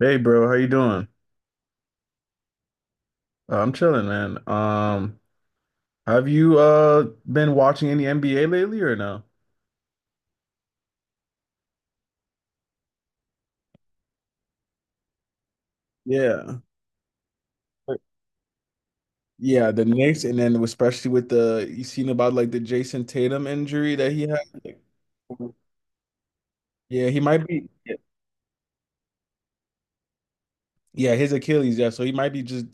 Hey bro, how you doing? I'm chilling, man. Have you been watching any NBA lately or no? Yeah. Yeah, the Knicks, and then especially with the you seen about like the Jason Tatum injury that he had. Like, yeah, he might be. Yeah, his Achilles. Yeah, so he might be just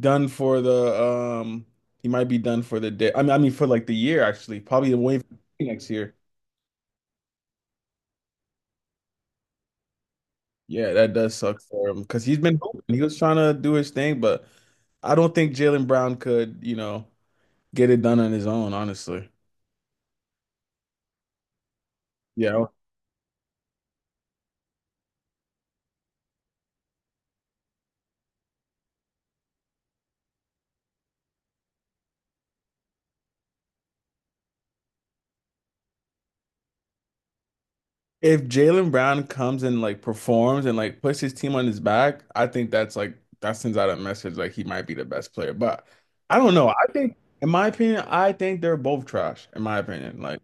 done for the. He might be done for the day. I mean for like the year actually. Probably the way next year. Yeah, that does suck for him because he's been hooping. He was trying to do his thing, but I don't think Jalen Brown could get it done on his own, honestly. Yeah. If Jalen Brown comes and like performs and like puts his team on his back, I think that's like that sends out a message like he might be the best player. But I don't know. I think in my opinion, I think they're both trash, in my opinion. Like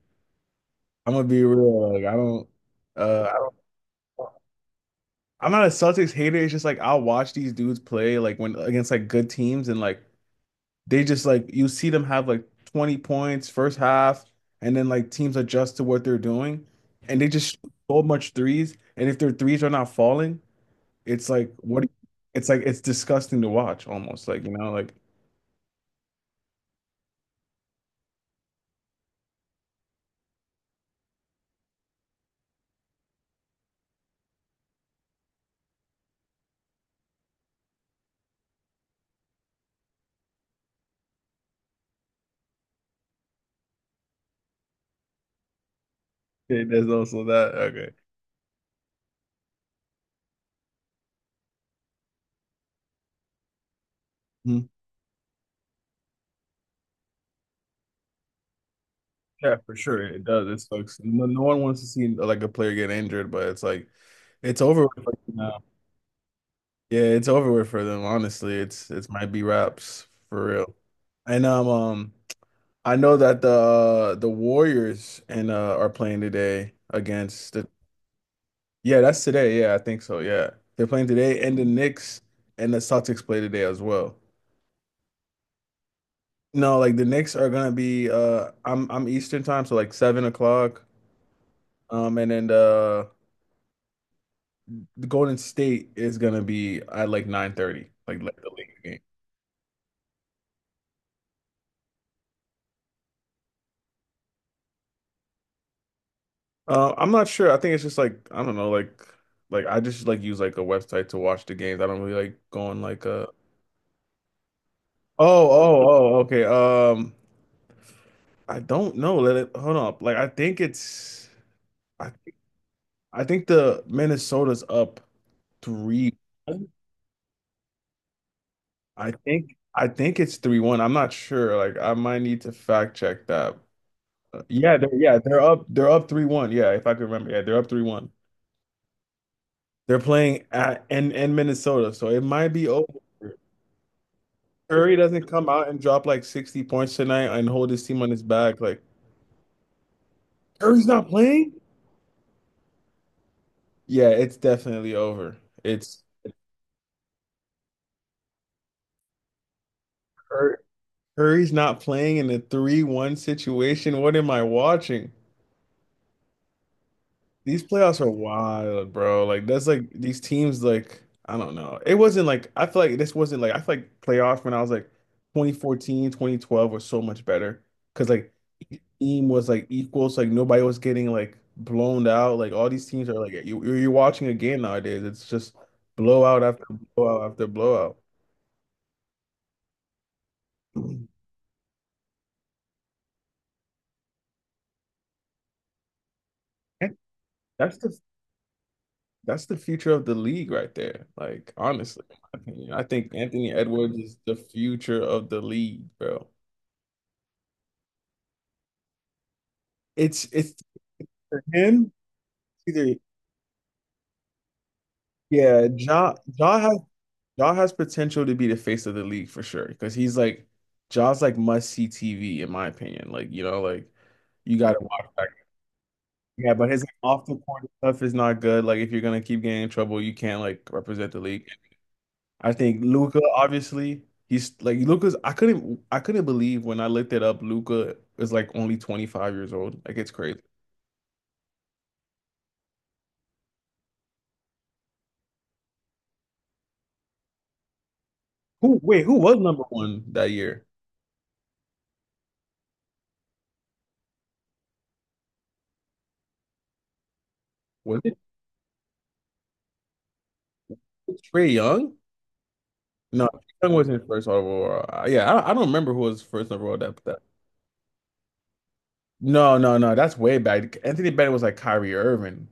I'm gonna be real. Like I don't, I'm not a Celtics hater. It's just like I'll watch these dudes play like when against like good teams and like they just like you see them have like 20 points first half, and then like teams adjust to what they're doing, and they just shoot so much threes. And if their threes are not falling, it's like what it's like it's disgusting to watch almost like, like. Okay, there's also that. Okay. Mhm. Yeah, for sure. It does. It sucks. No, no one wants to see like a player get injured, but it's like it's over with for now. Yeah, it's over with for them. Honestly, it might be wraps for real. And I know that the Warriors and are playing today against the. Yeah, that's today. Yeah, I think so. Yeah. They're playing today and the Knicks and the Celtics play today as well. No, like the Knicks are gonna be I'm Eastern time, so like 7 o'clock. And then the Golden State is gonna be at like 9:30, like the later game. I'm not sure. I think it's just like I don't know, like I just like use like a website to watch the games. I don't really like going. Oh, oh, oh, okay. I don't know. Let it hold up. Like I think it's I I think the Minnesota's up three. I think it's 3-1. I'm not sure. Like I might need to fact check that. Yeah, they're up 3-1. Yeah, if I can remember. Yeah, they're up 3-1. They're playing at in Minnesota, so it might be over. Curry doesn't come out and drop like 60 points tonight and hold his team on his back. Like Curry's not playing? Yeah, it's definitely over. It's Cur- Curry's not playing in a 3-1 situation. What am I watching? These playoffs are wild, bro. Like that's like these teams like I don't know. It wasn't like I feel like this wasn't like I feel like playoffs when I was like 2014, twenty twelve 2012 were so much better because like each team was like equal, so like nobody was getting like blown out. Like all these teams are like you're watching a game nowadays. It's just blowout after blowout after blowout. And That's the that's the future of the league right there. Like honestly, I think Anthony Edwards is the future of the league, bro. It's for him either. Yeah, Ja has potential to be the face of the league for sure because he's like Ja's like must see TV in my opinion. Like like you gotta watch that. Yeah, but his off the court stuff is not good. Like if you're gonna keep getting in trouble, you can't like represent the league. I think Luca, obviously, he's like Luca's. I couldn't believe when I looked it up. Luca is like only 25 years old. Like it's crazy. Who, wait, who was number one that year? Was it Trey Young? No, Trae Young wasn't first overall. Yeah, I don't remember who was first overall that. No, no, no, that's way back. Anthony Bennett was like Kyrie Irving.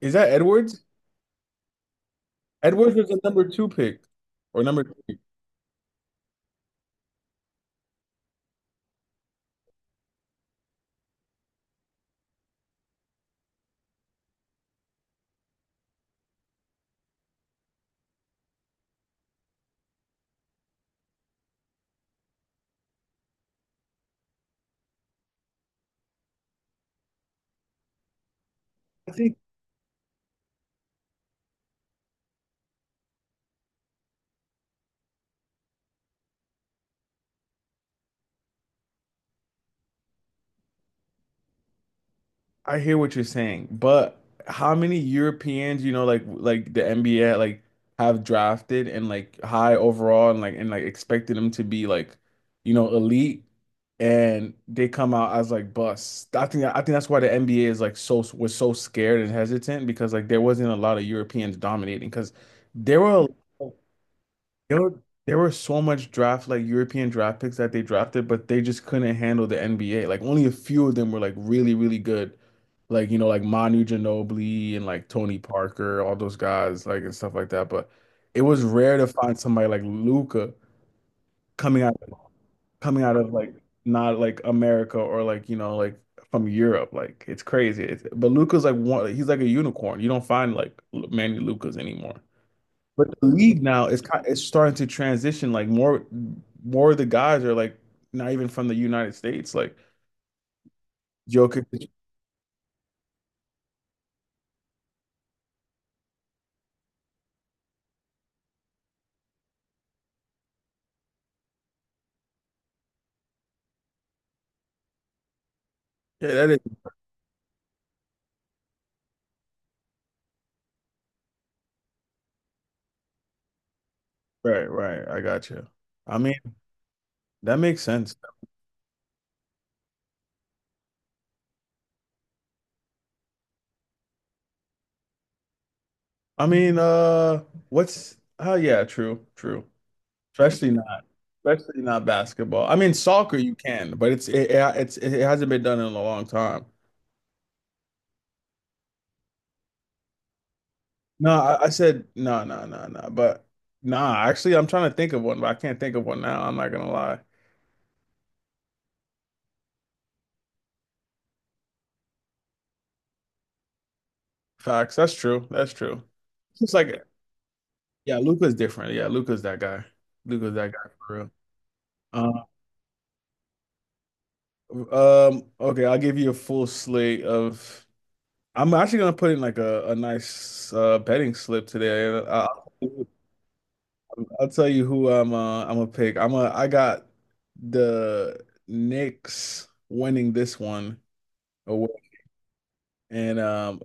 Is that Edwards? Edwards was the number two pick or number three. I think I hear what you're saying, but how many Europeans, like the NBA like have drafted and like high overall and like expected them to be like, elite, and they come out as like busts. I think that's why the NBA is like was so scared and hesitant because like there wasn't a lot of Europeans dominating because there were. Yo, there were so much draft like European draft picks that they drafted, but they just couldn't handle the NBA. Like only a few of them were like really, really good. Like, like Manu Ginobili and like Tony Parker, all those guys, like and stuff like that. But it was rare to find somebody like Luca coming out coming out of like not like America or like, like from Europe. Like it's crazy. But Luca's like one he's like a unicorn. You don't find like Manny Lucas anymore. But the league now is kind it's starting to transition. Like more of the guys are like not even from the United States. Like Jokic. Yeah, that is right, right. I got you. I mean, that makes sense. I mean, what's oh, yeah, true, true. Especially not especially not basketball. I mean, soccer you can, but it's it, it- it's it hasn't been done in a long time. No, I said no, no, no, no. But nah, actually I'm trying to think of one, but I can't think of one now. I'm not gonna lie. Facts. That's true. That's true. It's like, yeah, Luca's different. Yeah, Luca's that guy. Luca's that guy for real. Uh, okay, I'll give you a full slate of. I'm actually gonna put in like a nice betting slip today. And I'll tell you who I'm. I'm gonna pick. I'm a. I got the Knicks winning this one away, and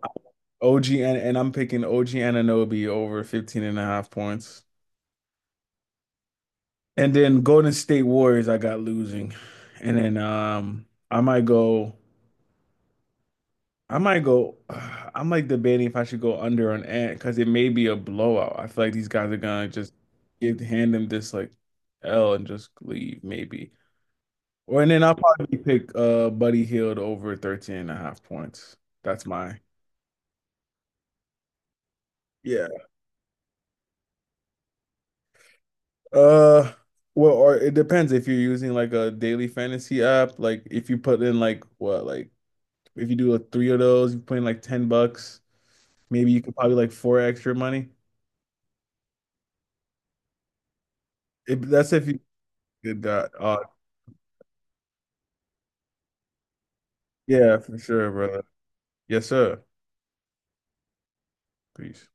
OG, and I'm picking OG Anunoby over 15 and a half points. And then Golden State Warriors, I got losing. And then I might go I might go I'm like debating if I should go under on Ant because it may be a blowout. I feel like these guys are gonna just give hand them this like L and just leave, maybe. Or and then I'll probably pick Buddy Hield over 13 and a half points. That's my. Yeah. Uh well, or it depends if you're using like a daily fantasy app, like if you put in like what, like. If you do like three of those, you're putting like 10 bucks. Maybe you could probably like four extra money. If you did that. Yeah, for sure, brother. Yes, sir. Peace.